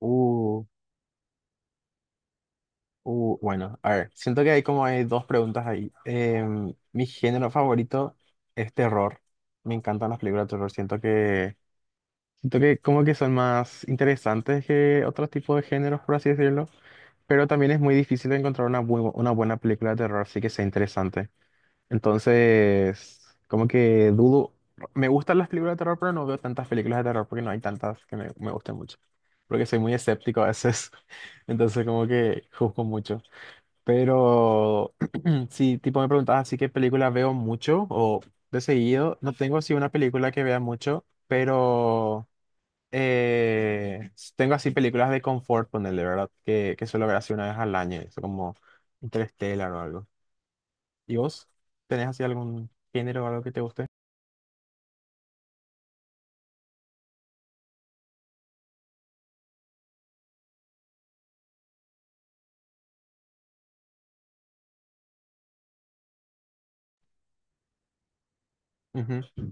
Uh, bueno, a ver, siento que hay como hay dos preguntas ahí. Mi género favorito es terror. Me encantan las películas de terror. Siento que como que son más interesantes que otros tipos de géneros, por así decirlo. Pero también es muy difícil encontrar una buena película de terror, así que sea interesante. Entonces, como que dudo. Me gustan las películas de terror, pero no veo tantas películas de terror porque no hay tantas que me gusten mucho. Porque soy muy escéptico a veces. Entonces, como que juzgo mucho. Pero si tipo me preguntabas así qué película veo mucho o de seguido, no tengo así una película que vea mucho, pero eh, tengo así películas de confort, ponerle, ¿verdad? Que suelo ver así una vez al año, eso como Interstellar o algo. ¿Y vos? ¿Tenés así algún género o algo que te guste? Ujú.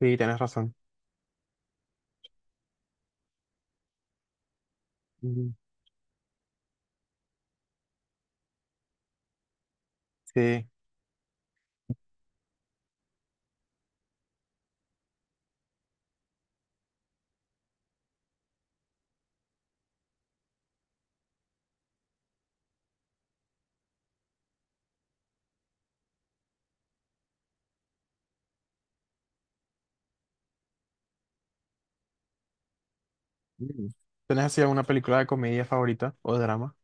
Sí, tenés razón. Mm, sí. Mm. ¿Tenés así alguna película de comedia favorita o drama?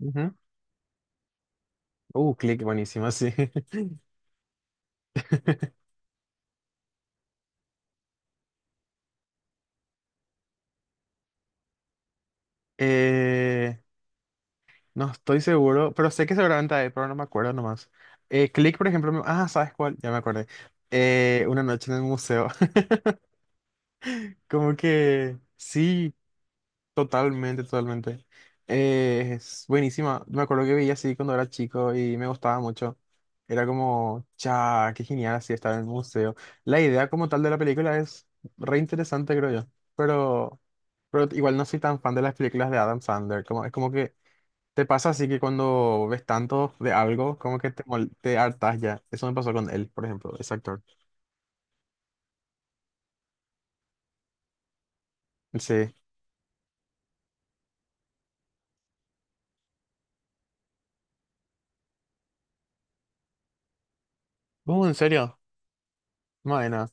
Ujú. Click, buenísima, sí. Eh, no estoy seguro, pero sé que seguramente hay, pero no me acuerdo nomás. Click, por ejemplo, me- ah, ¿sabes cuál? Ya me acordé. Una noche en el museo. Como que sí. Totalmente, totalmente. Es buenísima. Me acuerdo que veía así cuando era chico y me gustaba mucho. Era como, cha, qué genial así estar en el museo. La idea como tal de la película es re interesante, creo yo. Pero, pero igual no soy tan fan de las películas de Adam Sandler. Como, es como que te pasa así que cuando ves tanto de algo, como que te hartas ya. Eso me pasó con él, por ejemplo, ese actor. Sí. ¿En serio? Madena.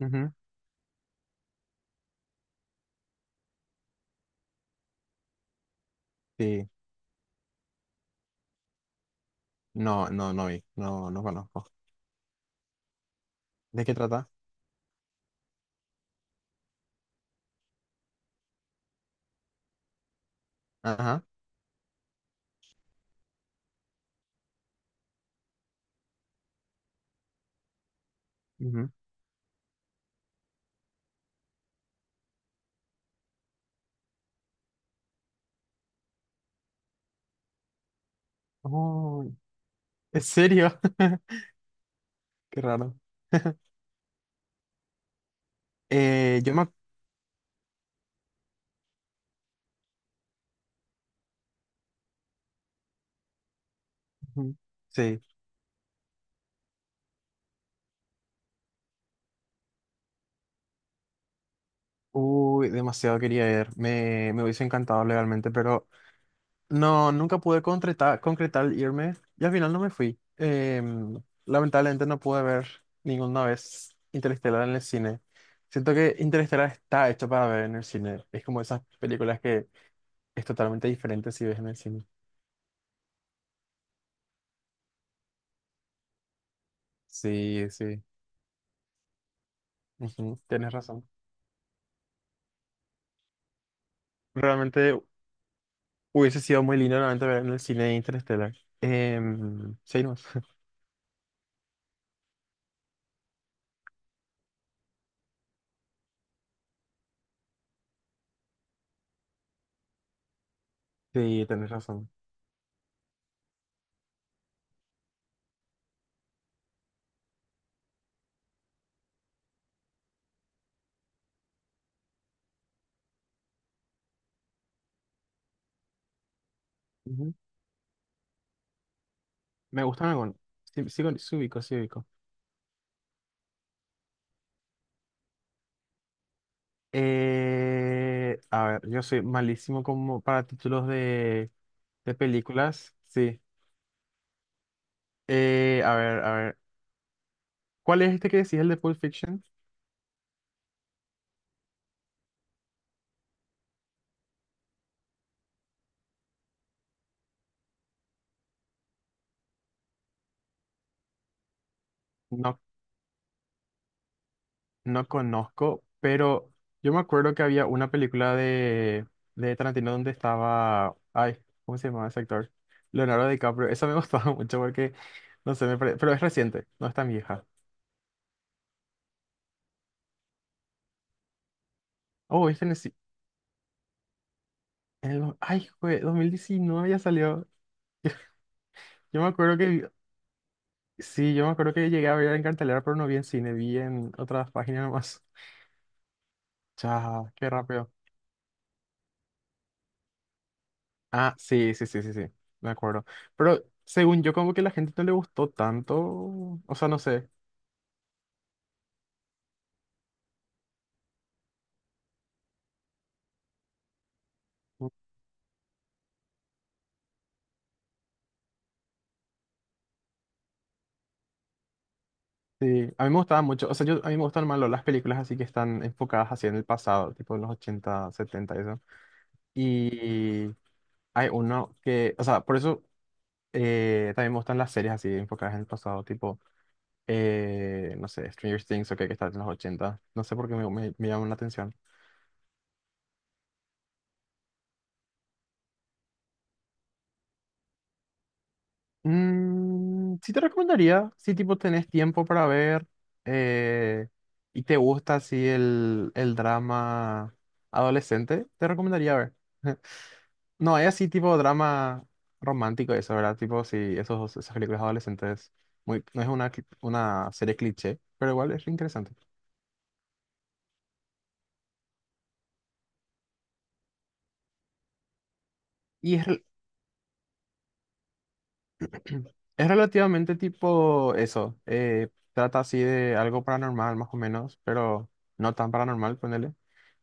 Ujú. Sí. No, no, no vi. No, no conozco. ¿De qué trata? Ajá. Ujú. Oh, ¿en serio? Qué raro. Yo me ac- ujú, sí. Uy, demasiado quería ir. Me hubiese encantado legalmente, pero no, nunca pude concretar el irme y al final no me fui. Lamentablemente no pude ver ninguna vez Interestelar en el cine. Siento que Interestelar está hecho para ver en el cine. Es como esas películas que es totalmente diferente si ves en el cine. Sí, sí. Ujú, tienes razón. Realmente hubiese sido muy lindo realmente ver en el cine de Interstellar. Sí, no. Sí, tenés razón. Ujú. Me gustan algunos. Sí, sí, sí ubico, sí ubico. A ver, yo soy malísimo como para títulos de películas. Sí. A ver, a ver. ¿Cuál es este que decís, el de Pulp Fiction? No, no conozco, pero yo me acuerdo que había una película de Tarantino donde estaba. Ay, ¿cómo se llamaba ese actor? Leonardo DiCaprio. Esa me gustaba mucho porque, no sé, me pare- pero es reciente, no es tan vieja. Oh, este en el, ci- en el do- Ay, fue 2019 ya salió. Yo me acuerdo que vi- Sí, yo me acuerdo que llegué a ver en cartelera, pero no vi en cine, vi en otras páginas nomás. Chao, qué rápido. Ah, sí, sí, sí, sí, sí, me acuerdo. Pero según yo, como que la gente no le gustó tanto, o sea, no sé, sí, a mí me gustaban mucho, o sea, yo, a mí me gustan más las películas así que están enfocadas así en el pasado, tipo en los 80 70 y eso. Y hay uno que, o sea, por eso también me gustan las series así enfocadas en el pasado, tipo, no sé, Stranger Things o que está en los 80 no sé por qué me llaman la atención. Sí te recomendaría, si tipo tenés tiempo para ver eh, y te gusta así el drama adolescente, te recomendaría ver. No, es así tipo drama romántico eso, ¿verdad? Tipo, sí, esas películas adolescentes, muy, no es una serie cliché, pero igual es interesante. Y es, rel- es relativamente tipo eso, trata así de algo paranormal más o menos, pero no tan paranormal, ponele.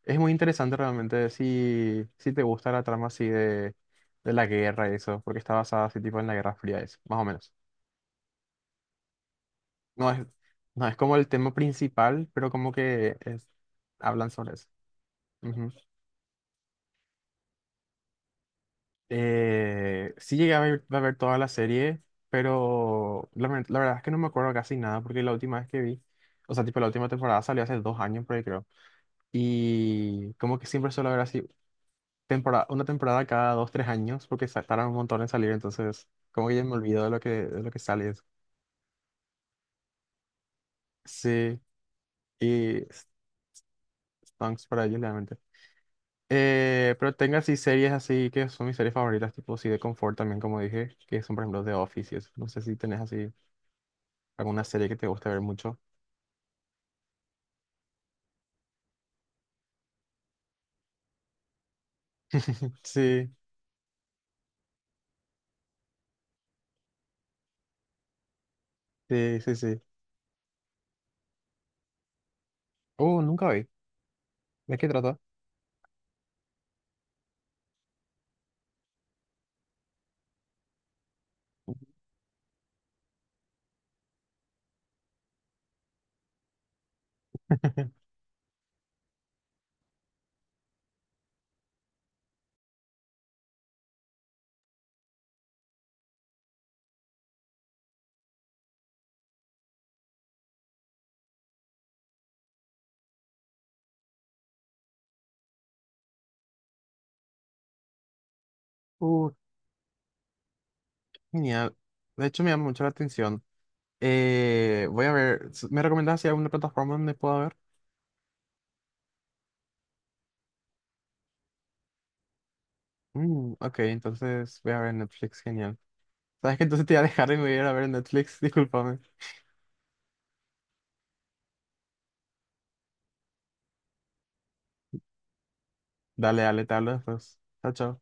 Es muy interesante realmente si, te gusta la trama así de la guerra y eso, porque está basada así tipo en la Guerra Fría, eso, más o menos. No es, no es como el tema principal, pero como que es- hablan sobre eso. Ujú. Sí llegué a ver toda la serie, pero la verdad es que no me acuerdo casi nada, porque la última vez que vi, o sea, tipo la última temporada salió hace 2 años, por ahí creo, y como que siempre suelo ver así temporada, una temporada cada dos, tres años, porque tardan un montón en salir, entonces como que ya me olvido de lo que sale. Eso. Sí, y thanks para ellos, realmente. Pero tengo así series así que son mis series favoritas, tipo así de confort también, como dije, que son por ejemplo The Office y eso. No sé si tenés así. ¿Alguna serie que te guste ver mucho? Sí, sí, sí, sí. Nunca vi. ¿De qué trata? Uh, Genial. De hecho, me llama mucho la atención. Voy a ver. ¿Me recomendás si hay alguna plataforma donde pueda ver? Mm, ok, entonces voy a ver Netflix. Genial. ¿Sabes qué? Entonces te voy a dejar y me voy a ir a ver Netflix. Discúlpame. Dale, dale, te hablo después. Chao, chao.